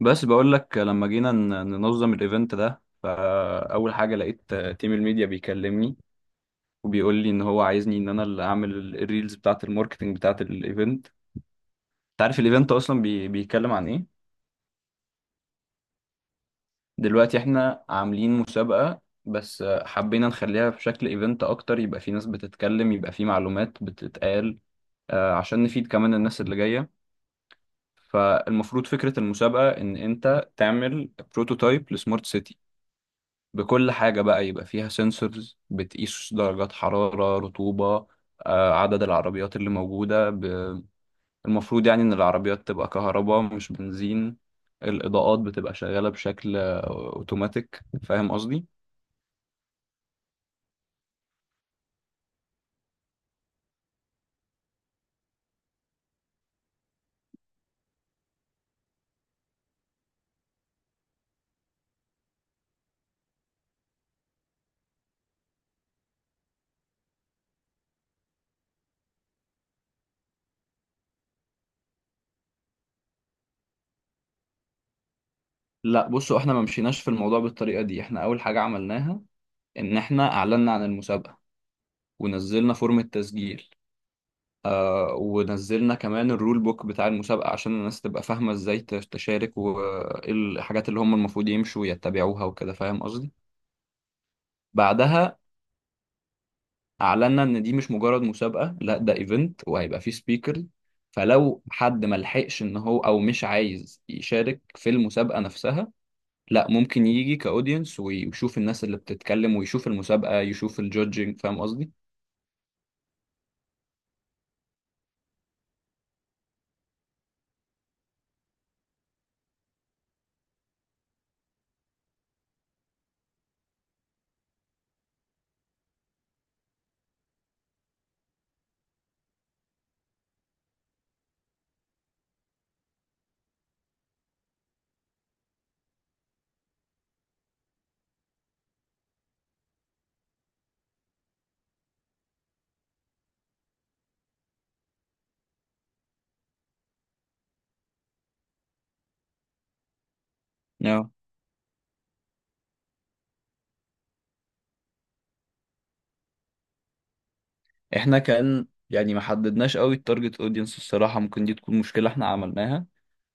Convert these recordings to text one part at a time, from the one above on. بس بقول لك لما جينا ننظم الايفنت ده، فاول حاجه لقيت تيم الميديا بيكلمني وبيقول لي ان هو عايزني ان انا اللي اعمل الريلز بتاعه الماركتنج بتاعه الايفنت. انت عارف الايفنت اصلا بيتكلم عن ايه؟ دلوقتي احنا عاملين مسابقه بس حبينا نخليها في شكل ايفنت اكتر، يبقى في ناس بتتكلم يبقى في معلومات بتتقال، عشان نفيد كمان الناس اللي جايه. فالمفروض فكره المسابقه ان انت تعمل بروتوتايب لسمارت سيتي بكل حاجة، بقى يبقى فيها سنسورز بتقيس درجات حرارة رطوبة، عدد العربيات اللي موجودة المفروض يعني إن العربيات تبقى كهرباء مش بنزين. الإضاءات بتبقى شغالة بشكل أوتوماتيك، فاهم قصدي؟ لا بصوا، احنا ما مشيناش في الموضوع بالطريقة دي. احنا أول حاجة عملناها إن احنا أعلنا عن المسابقة ونزلنا فورم التسجيل، ونزلنا كمان الرول بوك بتاع المسابقة عشان الناس تبقى فاهمة ازاي تشارك وايه الحاجات اللي هم المفروض يمشوا يتبعوها وكده، فاهم قصدي؟ بعدها اعلنا ان دي مش مجرد مسابقة، لا ده ايفنت وهيبقى فيه سبيكر. فلو حد ملحقش ان هو او مش عايز يشارك في المسابقة نفسها، لا ممكن يجي كاودينس ويشوف الناس اللي بتتكلم ويشوف المسابقة يشوف الجودجينج، فاهم قصدي؟ احنا كان يعني ما حددناش قوي التارجت اودينس الصراحة، ممكن دي تكون مشكلة احنا عملناها،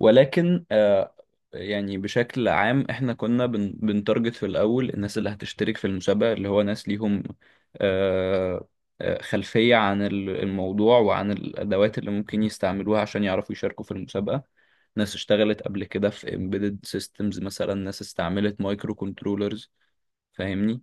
ولكن يعني بشكل عام احنا كنا بنتارجت في الاول الناس اللي هتشترك في المسابقة، اللي هو ناس ليهم آه خلفية عن الموضوع وعن الادوات اللي ممكن يستعملوها عشان يعرفوا يشاركوا في المسابقة. ناس اشتغلت قبل كده في embedded systems مثلا، ناس استعملت مايكرو كنترولرز، فاهمني؟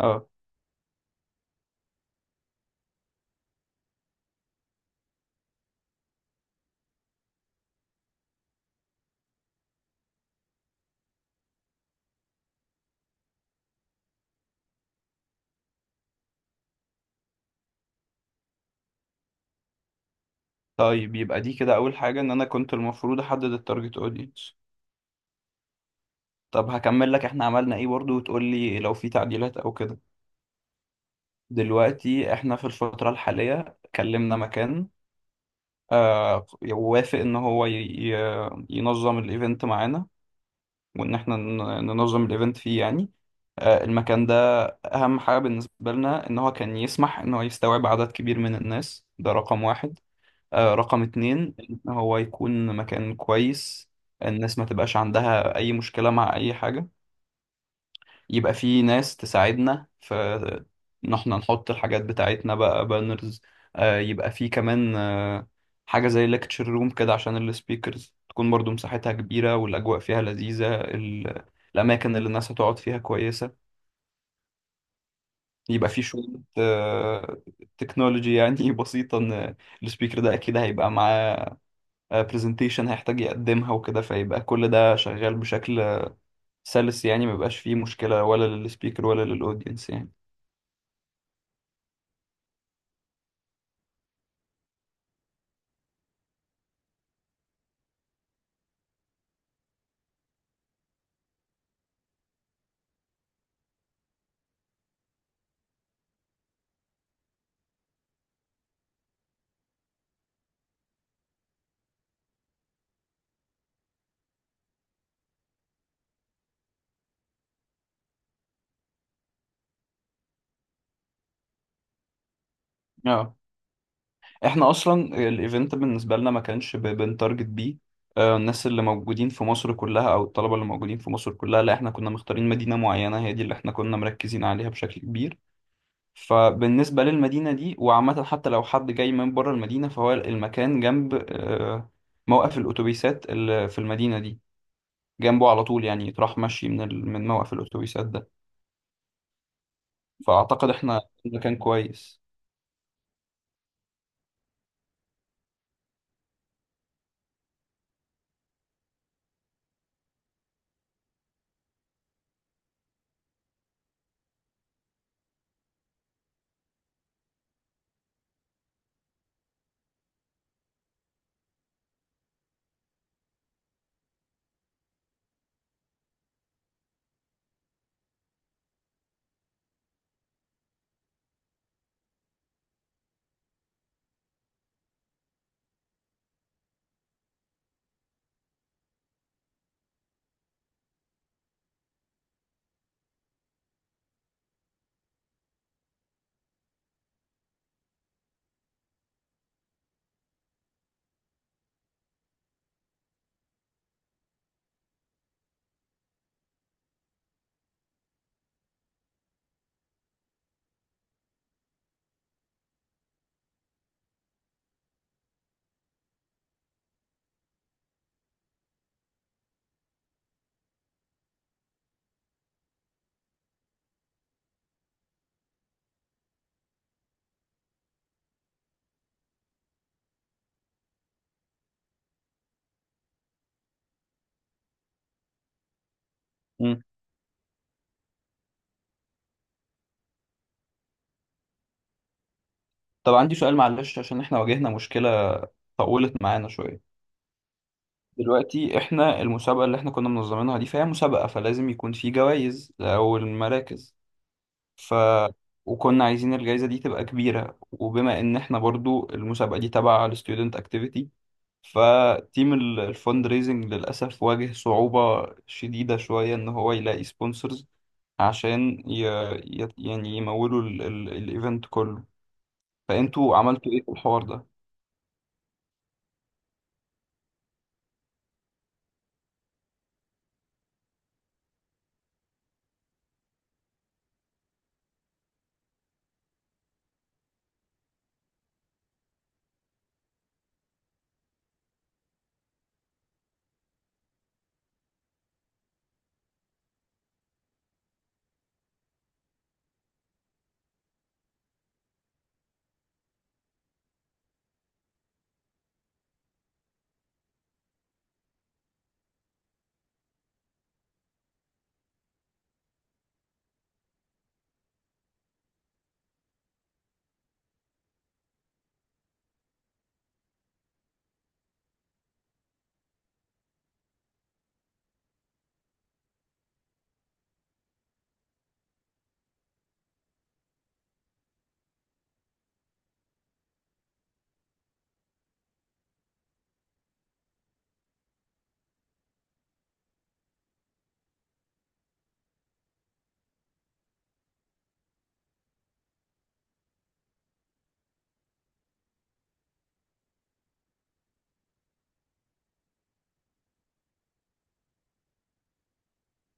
اه، طيب يبقى دي كده اول حاجه ان انا كنت المفروض احدد التارجت اودينس. طب هكمل لك احنا عملنا ايه برضو وتقول لي لو في تعديلات او كده. دلوقتي احنا في الفتره الحاليه كلمنا مكان، آه ووافق ان هو ينظم الايفنت معانا وان احنا ننظم الايفنت فيه يعني، المكان ده اهم حاجه بالنسبه لنا ان هو كان يسمح ان هو يستوعب عدد كبير من الناس، ده رقم 1. رقم 2 إن هو يكون مكان كويس، الناس ما تبقاش عندها أي مشكلة مع أي حاجة، يبقى في ناس تساعدنا في إن احنا نحط الحاجات بتاعتنا بقى بانرز، يبقى في كمان حاجة زي ليكتشر روم كده عشان السبيكرز تكون برضو مساحتها كبيرة والأجواء فيها لذيذة، الأماكن اللي الناس هتقعد فيها كويسة. يبقى في شوية تكنولوجي يعني بسيطة، إن السبيكر ده أكيد هيبقى معاه برزنتيشن هيحتاج يقدمها وكده، فيبقى كل ده شغال بشكل سلس يعني، ما يبقاش فيه مشكلة ولا للسبيكر ولا للاودينس يعني. اه، احنا اصلا الايفنت بالنسبة لنا ما كانش بنتارجت بيه، الناس اللي موجودين في مصر كلها او الطلبة اللي موجودين في مصر كلها. لا احنا كنا مختارين مدينة معينة هي دي اللي احنا كنا مركزين عليها بشكل كبير. فبالنسبة للمدينة دي وعامة، حتى لو حد جاي من بره المدينة، فهو المكان جنب موقف الأتوبيسات اللي في المدينة دي جنبه على طول يعني، تروح ماشي من من موقف الاتوبيسات ده. فاعتقد احنا في مكان كويس. مم. طب عندي سؤال معلش عشان احنا واجهنا مشكلة طولت معانا شوية. دلوقتي احنا المسابقة اللي احنا كنا منظمينها دي، فهي مسابقة فلازم يكون في جوائز او المراكز، ف وكنا عايزين الجائزة دي تبقى كبيرة، وبما ان احنا برضو المسابقة دي تبع الستودنت اكتيفيتي، فتيم الفند ريزنج للأسف واجه صعوبة شديدة شوية إن هو يلاقي سبونسرز عشان يعني يمولوا الإيفنت كله. فأنتوا عملتوا إيه في الحوار ده؟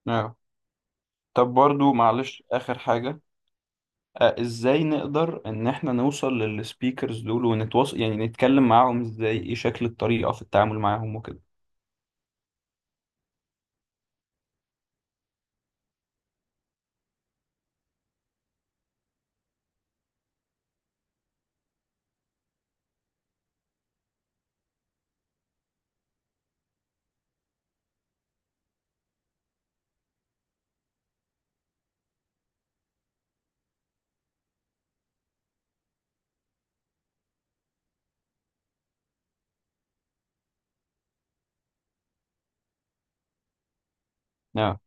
آه. طب برضو معلش آخر حاجة، إزاي نقدر إن إحنا نوصل للسبيكرز دول ونتواصل يعني نتكلم معاهم إزاي، إيه شكل الطريقة في التعامل معاهم وكده؟ آه.